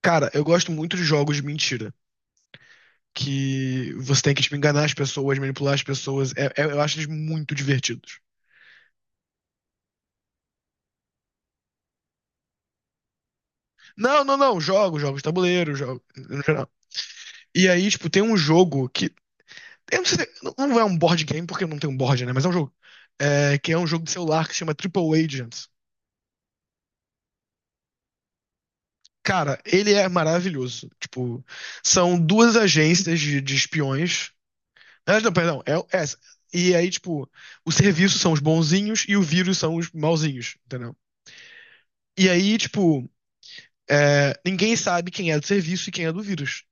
Cara, eu gosto muito de jogos de mentira. Que você tem que tipo, enganar as pessoas, manipular as pessoas. Eu acho eles muito divertidos. Não, não, não. Jogos de tabuleiro, jogo, no geral. E aí, tipo, tem um jogo que. Eu não sei, não é um board game, porque não tem um board, né? Mas é um jogo. É, que é um jogo de celular que se chama Triple Agents. Cara, ele é maravilhoso. Tipo, são duas agências de espiões. Ah, não, perdão. É, e aí, tipo, o serviço são os bonzinhos e o vírus são os mauzinhos, entendeu? E aí, tipo, ninguém sabe quem é do serviço e quem é do vírus.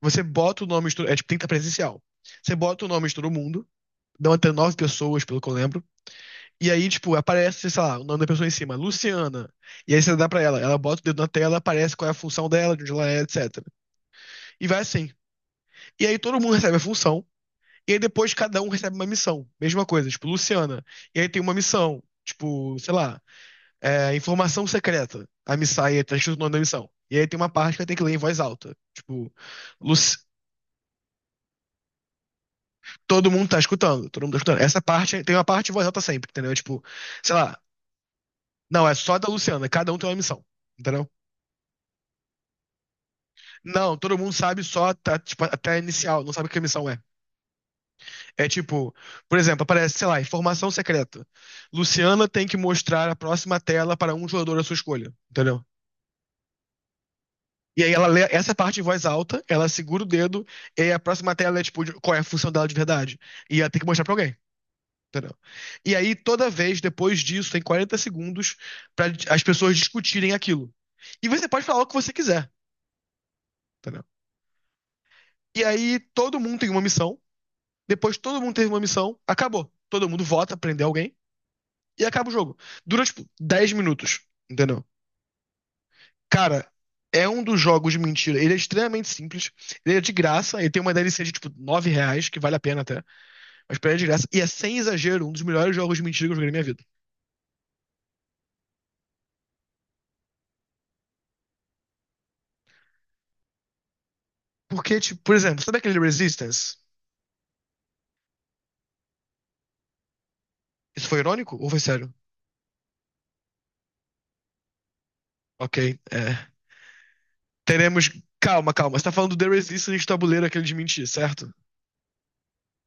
Você bota o nome, é tipo, tem que estar presencial. Você bota o nome de todo mundo, dão até nove pessoas, pelo que eu lembro. E aí, tipo, aparece, sei lá, o nome da pessoa em cima, Luciana. E aí você dá pra ela, ela bota o dedo na tela, aparece qual é a função dela, de onde ela é, etc. E vai assim. E aí todo mundo recebe a função, e aí depois cada um recebe uma missão. Mesma coisa, tipo, Luciana. E aí tem uma missão, tipo, sei lá, Informação secreta. A Missaia tá escrito o nome da missão. E aí tem uma parte que ela tem que ler em voz alta. Tipo, Luci- todo mundo tá escutando, todo mundo tá escutando. Essa parte, tem uma parte em voz alta sempre, entendeu? Tipo, sei lá, não, é só da Luciana, cada um tem uma missão, entendeu? Não, todo mundo sabe só tá, tipo, até a inicial, não sabe o que a missão é. É tipo, por exemplo, aparece, sei lá, informação secreta. Luciana tem que mostrar a próxima tela para um jogador à sua escolha, entendeu? E aí ela lê essa parte em voz alta, ela segura o dedo, e aí a próxima tela é qual é a função dela de verdade. E ela tem que mostrar pra alguém. Entendeu? E aí, toda vez depois disso, tem 40 segundos pra as pessoas discutirem aquilo. E você pode falar o que você quiser. Entendeu? E aí, todo mundo tem uma missão. Depois, todo mundo teve uma missão. Acabou. Todo mundo vota, prender alguém. E acaba o jogo. Dura, tipo, 10 minutos. Entendeu? Cara, é um dos jogos de mentira. Ele é extremamente simples. Ele é de graça. Ele tem uma DLC de tipo R$ 9, que vale a pena até. Mas pra ele é de graça. E é sem exagero, um dos melhores jogos de mentira que eu joguei na minha vida. Porque, tipo, por exemplo, sabe aquele Resistance? Isso foi irônico ou foi sério? Ok, é. Teremos. Calma, calma. Você tá falando do The Resistance de tabuleiro, aquele de mentir, certo?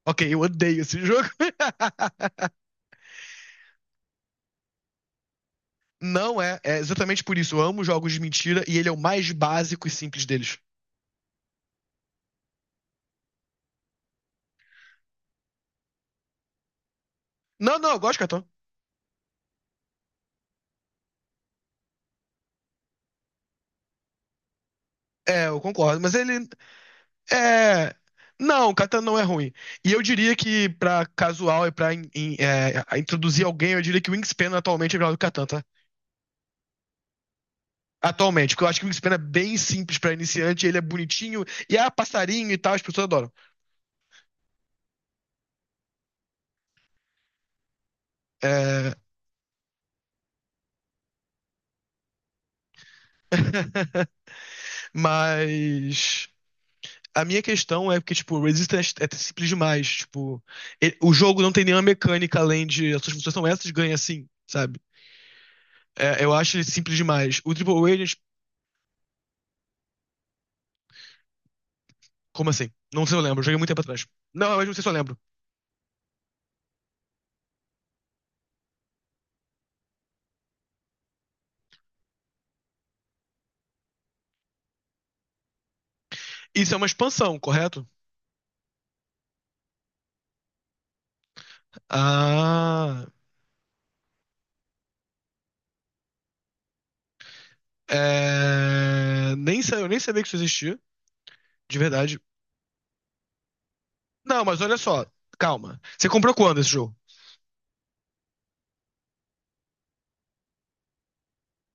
Ok, eu odeio esse jogo. Não é. É exatamente por isso. Eu amo jogos de mentira e ele é o mais básico e simples deles. Não, não, eu gosto, Catão. É, eu concordo, mas ele É. Não, Catan não é ruim. E eu diria que pra casual e pra introduzir alguém, eu diria que o Wingspan atualmente é melhor do que Catan, tá? Atualmente, porque eu acho que o Wingspan é bem simples pra iniciante, ele é bonitinho, e há passarinho e tal, as pessoas adoram. É, Mas a minha questão é porque, tipo, o Resistance é simples demais. Tipo, o jogo não tem nenhuma mecânica além de as suas funções são essas, ganha assim, sabe? É, eu acho ele simples demais. O Triple Agent. Como assim? Não sei se eu lembro, joguei muito tempo atrás. Não, mas não sei se eu lembro. Isso é uma expansão, correto? Ah. Nem sa- Eu nem sabia que isso existia, de verdade. Não, mas olha só, calma. Você comprou quando esse jogo?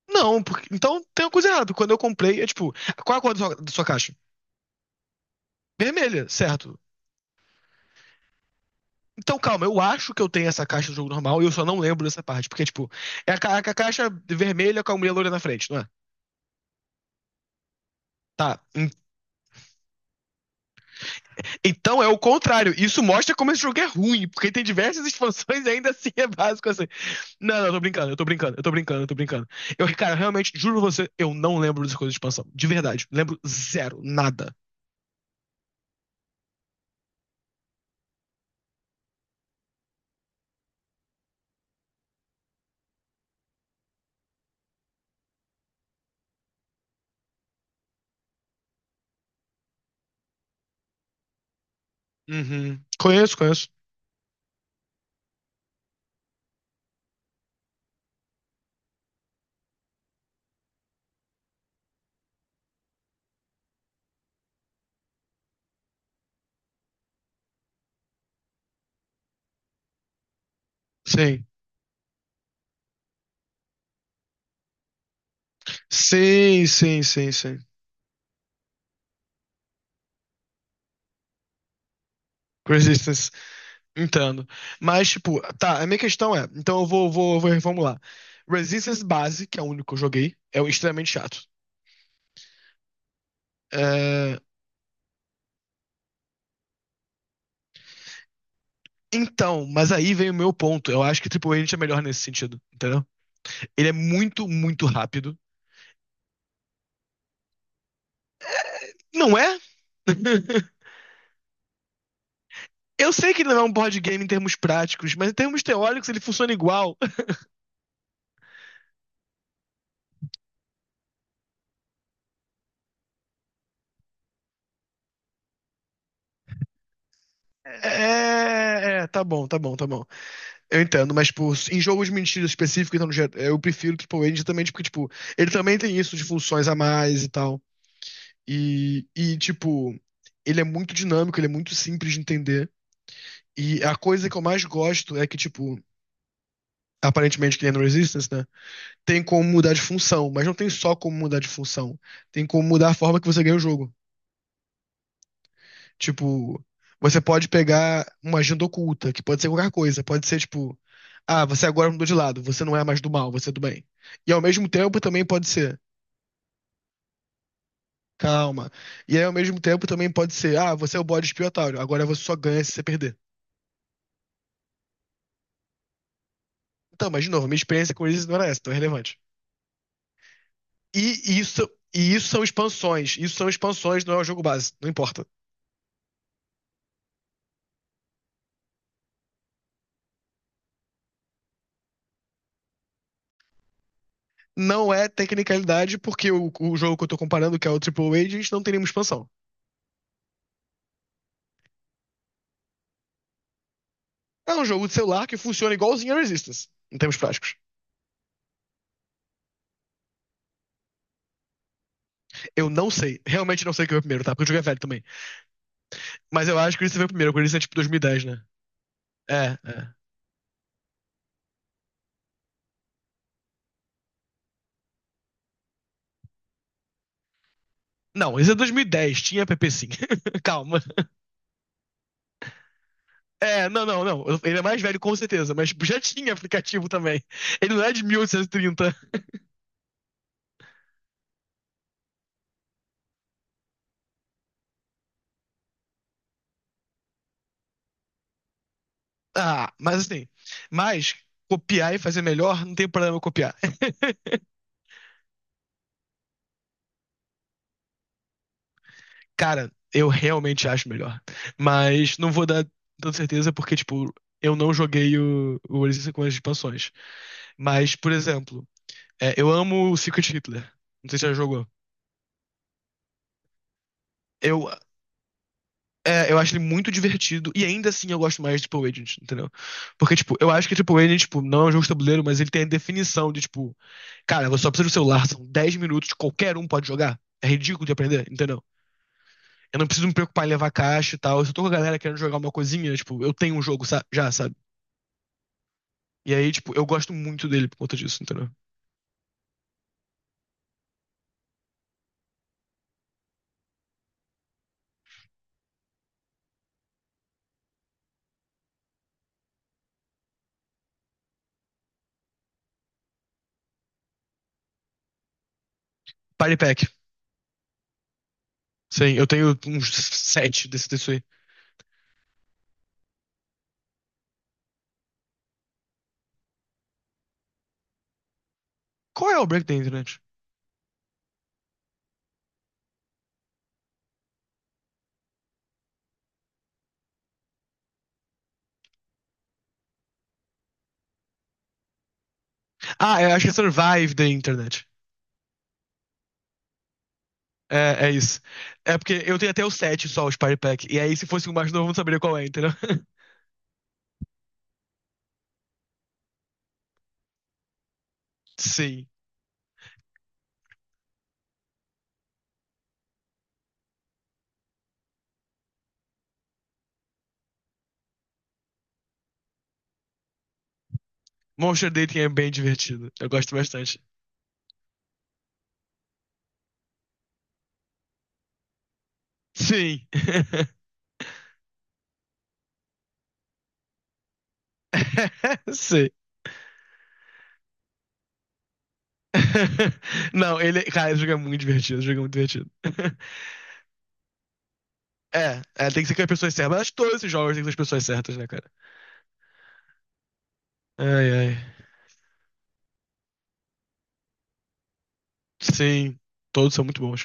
Não, porque... então tem uma coisa errada. Quando eu comprei, é tipo, qual é a cor da sua caixa? Vermelha, certo? Então calma, eu acho que eu tenho essa caixa do jogo normal e eu só não lembro dessa parte. Porque, tipo, é a caixa vermelha com a mulher loira na frente, não é? Tá. Então é o contrário. Isso mostra como esse jogo é ruim, porque tem diversas expansões e ainda assim é básico assim. Não, não, eu tô brincando, eu tô brincando, eu tô brincando, eu tô brincando. Eu, cara, realmente, juro você, eu não lembro das coisas de expansão. De verdade. Lembro zero, nada. Uhum. Conheço, conheço. Sim. Sim, sim, sim, sim. Resistance. Entendo. Mas, tipo, tá, a minha questão é. Então eu vou reformular. Resistance base, que é o único que eu joguei, é o extremamente chato. É, então, mas aí vem o meu ponto. Eu acho que Triple H é melhor nesse sentido, entendeu? Ele é muito, muito rápido. Não é? Eu sei que ele não é um board game em termos práticos, mas em termos teóricos ele funciona igual. Tá bom, tá bom, tá bom. Eu entendo, mas tipo, em jogos de mentira específicos, então, eu prefiro o Triple H justamente porque, tipo, ele também tem isso de funções a mais e tal. E tipo, ele é muito dinâmico, ele é muito simples de entender. E a coisa que eu mais gosto é que, tipo, aparentemente que ele é no Resistance, né? Tem como mudar de função, mas não tem só como mudar de função. Tem como mudar a forma que você ganha o jogo. Tipo, você pode pegar uma agenda oculta, que pode ser qualquer coisa. Pode ser, tipo, ah, você agora mudou de lado, você não é mais do mal, você é do bem. E ao mesmo tempo também pode ser, calma. E aí, ao mesmo tempo também pode ser, ah, você é o bode expiatório, agora você só ganha se você perder. Então, mas de novo, minha experiência com eles não era essa, então é relevante. E isso, e isso são expansões. Isso são expansões, não é o jogo base, não importa. Não é tecnicalidade, porque o jogo que eu tô comparando, que é o Triple Agent, não tem nenhuma expansão. É um jogo de celular que funciona igualzinho a Resistance, em termos práticos. Eu não sei, realmente não sei o que veio primeiro, tá? Porque o jogo é velho também. Mas eu acho que isso veio primeiro, porque isso é tipo 2010, né? É, é. Não, esse é 2010, tinha app sim. Calma. É, não, não, não. Ele é mais velho com certeza, mas tipo, já tinha aplicativo também. Ele não é de 1830. Ah, mas assim. Mas copiar e fazer melhor, não tem problema copiar. Cara, eu realmente acho melhor. Mas não vou dar tanta certeza porque, tipo, eu não joguei o Oasis com as expansões. Mas, por exemplo, eu amo o Secret Hitler. Não sei se você já jogou. Eu, eu acho ele muito divertido e ainda assim eu gosto mais de Triple Agent, entendeu? Porque, tipo, eu acho que Triple Agent, tipo, não é um jogo de tabuleiro, mas ele tem a definição de, tipo, cara, você só precisa do celular, são 10 minutos, qualquer um pode jogar. É ridículo de aprender, entendeu? Eu não preciso me preocupar em levar caixa e tal. Se eu tô com a galera querendo jogar uma coisinha, tipo, eu tenho um jogo já, sabe? E aí, tipo, eu gosto muito dele por conta disso, entendeu? Party Pack. Sim, eu tenho uns sete desse aí. Qual é o break da internet? Ah, eu acho que é Survive da Internet. É, é isso. É porque eu tenho até o 7 só, os Party Pack. E aí, se fosse o mais novo, eu não saberia qual é, entendeu? Sim. Monster Dating é bem divertido. Eu gosto bastante. Sim. Sim. Não, ele. Cara, esse jogo é muito divertido. Esse jogo é muito divertido. Tem que ser com as pessoas certas. Mas acho que todos esses jogos tem que ser com as pessoas certas, né, cara? Ai, ai. Sim, todos são muito bons.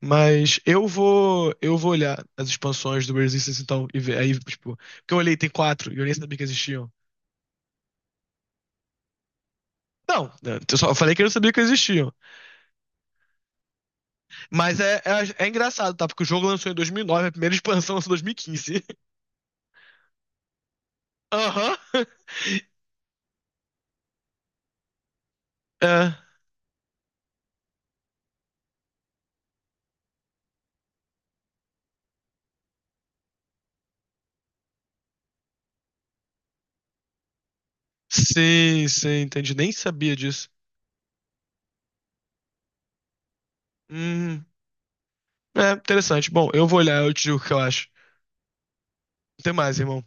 Mas eu vou olhar as expansões do Resistance então e ver aí, tipo, porque eu olhei tem quatro e eu nem sabia que existiam. Não, né, eu só falei que eu não sabia que existiam. Mas é, engraçado, tá? Porque o jogo lançou em 2009 a primeira expansão lançou em 2015. Aham. É, sim, sim, entendi. Nem sabia disso. Hum, é interessante. Bom, eu vou olhar, eu te digo o que eu acho. Até mais, irmão.